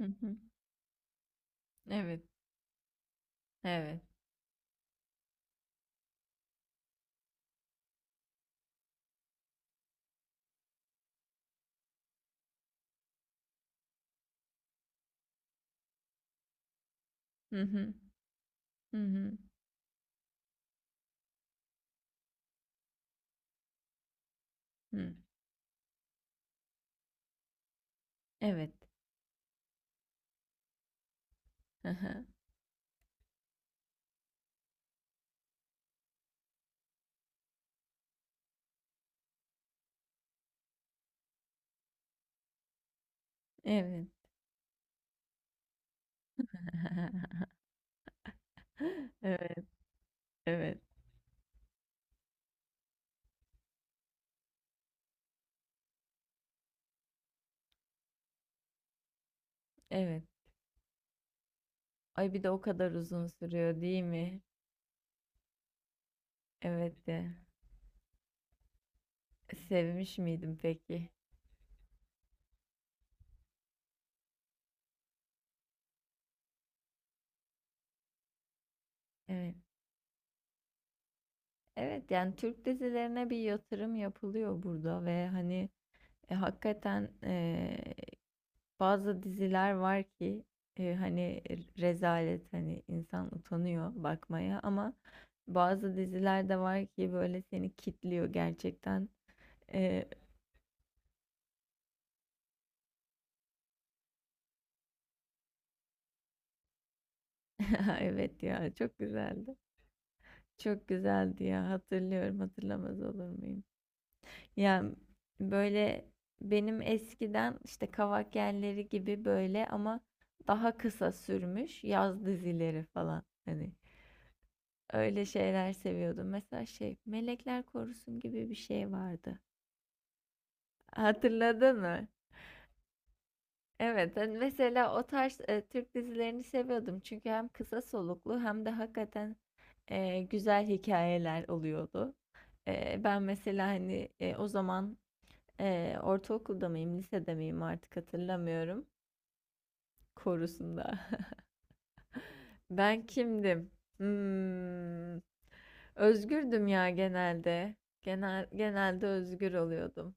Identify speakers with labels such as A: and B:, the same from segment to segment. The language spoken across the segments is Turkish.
A: Hı hı. Evet. Evet. Hı hı. Hı hı. Hı. Evet. Hı hı. Evet. Evet, evet, evet. Ay bir de o kadar uzun sürüyor değil mi? Evet de. Sevmiş miydim peki? Evet. Evet yani Türk dizilerine bir yatırım yapılıyor burada ve hani, hakikaten bazı diziler var ki, hani, rezalet hani insan utanıyor bakmaya ama bazı diziler de var ki böyle seni kitliyor gerçekten. E, evet ya çok güzeldi. Çok güzeldi ya, hatırlıyorum, hatırlamaz olur muyum? Yani böyle benim eskiden işte Kavak Yelleri gibi, böyle ama daha kısa sürmüş yaz dizileri falan hani. Öyle şeyler seviyordum. Mesela şey, Melekler Korusun gibi bir şey vardı. Hatırladın mı? Evet, ben mesela o tarz Türk dizilerini seviyordum. Çünkü hem kısa soluklu hem de hakikaten güzel hikayeler oluyordu. Ben mesela hani, o zaman ortaokulda mıyım, lisede miyim artık hatırlamıyorum. Korusunda. Ben kimdim? Hmm, Özgürdüm ya genelde. Genelde özgür oluyordum.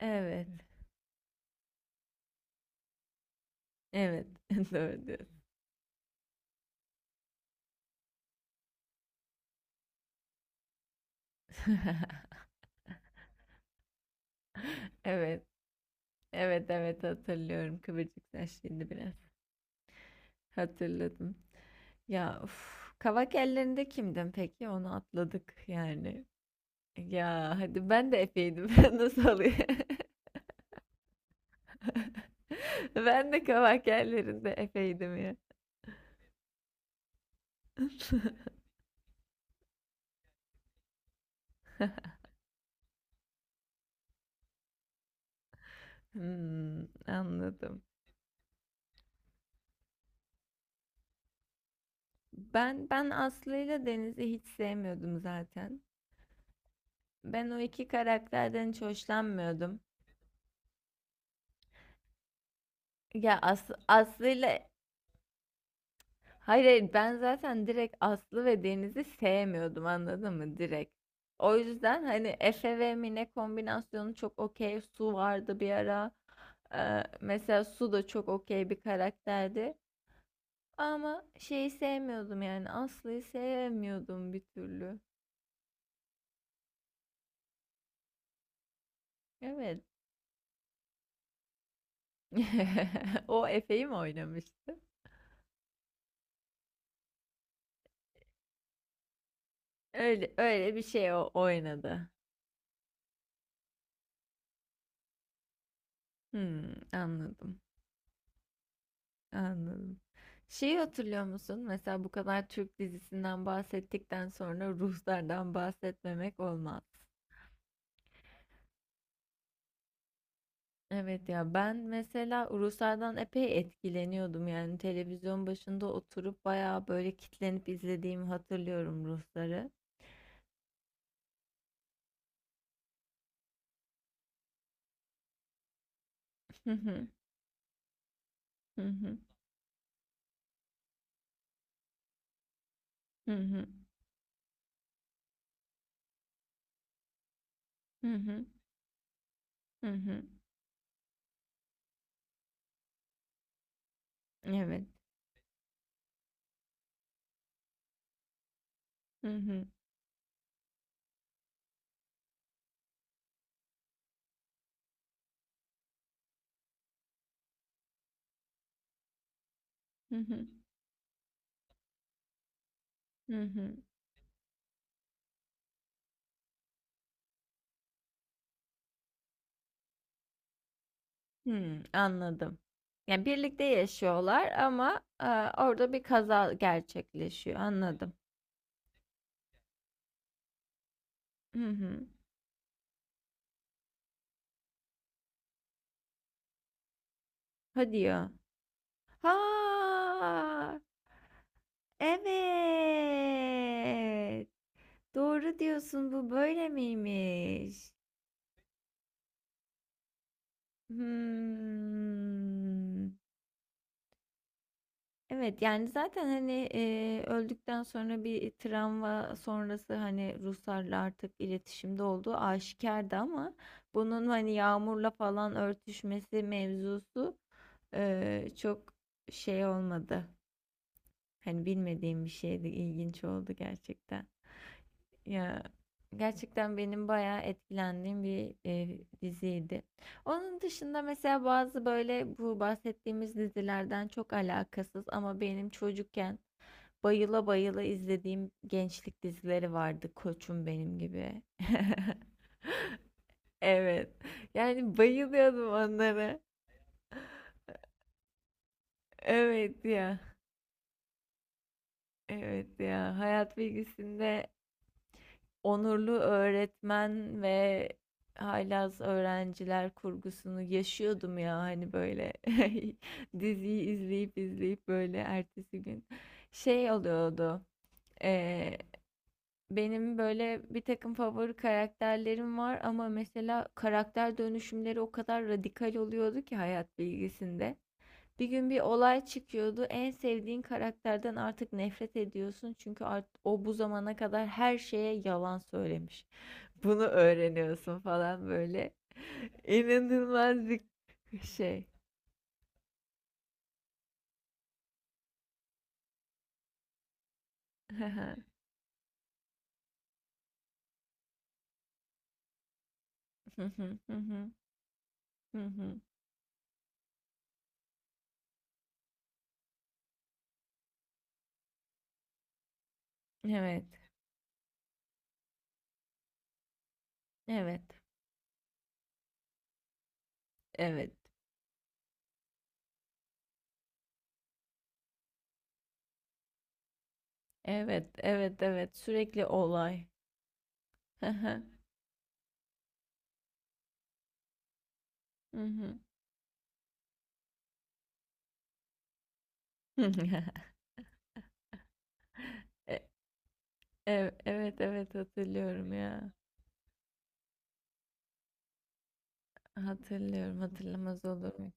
A: Evet, evet. Doğru diyorsun. Evet, evet, evet hatırlıyorum. Kıvırcık saçlıydı biraz. Hatırladım. Ya uf, Kavak ellerinde kimdim peki? Onu atladık yani. Ya hadi, ben de Efe'ydim. Ben nasıl oluyor? Ben de Kavak ellerinde Efe'ydim ya. Hmm, Anladım. Ben Aslı ile Deniz'i hiç sevmiyordum zaten. Ben o iki karakterden hiç hoşlanmıyordum. Ya As Aslı'yla Hayır, hayır, ben zaten direkt Aslı ve Deniz'i sevmiyordum, anladın mı? Direkt. O yüzden hani Efe ve Mine kombinasyonu çok okey. Su vardı bir ara. Mesela Su da çok okey bir karakterdi. Ama şeyi sevmiyordum, yani Aslı'yı sevmiyordum bir türlü. Evet. O Efe'yi mi oynamıştı? Öyle, öyle bir şey o oynadı. Hmm, Anladım. Anladım. Şeyi hatırlıyor musun? Mesela bu kadar Türk dizisinden bahsettikten sonra Ruhsar'dan bahsetmemek olmaz. Evet ya, ben mesela Ruhsar'dan epey etkileniyordum, yani televizyon başında oturup bayağı böyle kitlenip izlediğimi hatırlıyorum Ruhsar'ı. Hı hı, hı hı, hı hı, hı hı, hı. Evet. Hı hı, hı hı, hı hı. Anladım. Yani, birlikte yaşıyorlar ama, orada bir kaza gerçekleşiyor. Anladım. Hı hı. Hadi ya. Ha! Evet, doğru diyorsun. Bu böyle miymiş? Hımm. Evet yani zaten hani, öldükten sonra bir travma sonrası hani Ruslarla artık iletişimde olduğu aşikardı ama bunun hani Yağmur'la falan örtüşmesi mevzusu çok şey olmadı. Hani bilmediğim bir şeydi, ilginç oldu gerçekten. Ya gerçekten benim bayağı etkilendiğim bir diziydi. Onun dışında mesela bazı böyle bu bahsettiğimiz dizilerden çok alakasız ama benim çocukken bayıla bayıla izlediğim gençlik dizileri vardı. Koçum benim gibi. Evet. Yani bayılıyordum onlara. Evet ya. Evet ya. Hayat bilgisinde onurlu öğretmen ve haylaz öğrenciler kurgusunu yaşıyordum ya hani, böyle diziyi izleyip izleyip böyle ertesi gün şey oluyordu. eee, benim böyle bir takım favori karakterlerim var ama mesela karakter dönüşümleri o kadar radikal oluyordu ki hayat bilgisinde. Bir gün bir olay çıkıyordu. En sevdiğin karakterden artık nefret ediyorsun. Çünkü o bu zamana kadar her şeye yalan söylemiş, bunu öğreniyorsun falan böyle. İnanılmaz bir şey. Hı hı, hı hı, hı hı. Evet, evet, evet, evet, evet, evet. Sürekli olay. Hı hı, hı hı. E- Evet, evet hatırlıyorum ya. Hatırlıyorum, hatırlamaz olur mu?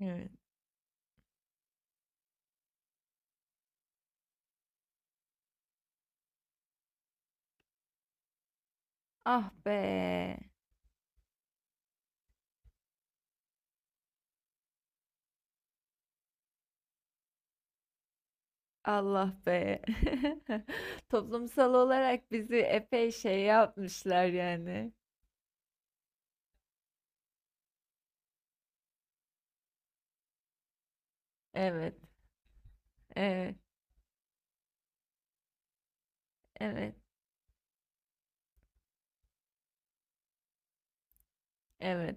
A: Evet. Ah be. Allah be. Toplumsal olarak bizi epey şey yapmışlar yani. Evet. Evet, evet, evet.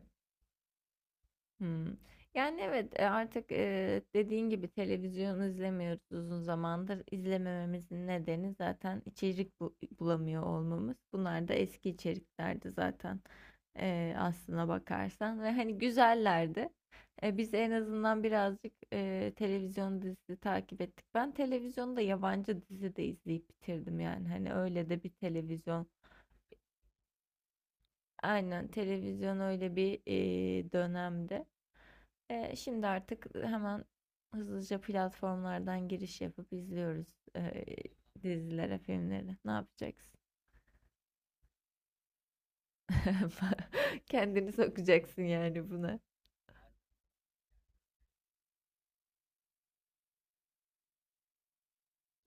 A: Hmm. Yani evet, artık dediğin gibi televizyon izlemiyoruz uzun zamandır. İzlemememizin nedeni zaten içerik bulamıyor olmamız. Bunlar da eski içeriklerdi zaten, aslına bakarsan. Ve hani güzellerdi. Biz en azından birazcık televizyon dizisi takip ettik. Ben televizyonda yabancı dizi de izleyip bitirdim yani. Hani öyle de bir televizyon. Aynen, televizyon öyle bir dönemde. Şimdi artık hemen hızlıca platformlardan giriş yapıp izliyoruz ee, dizilere, filmleri. Ne yapacaksın? Kendini sokacaksın yani buna.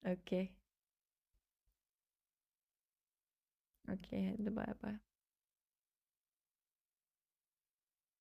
A: Okey, okey. Hadi bay bay.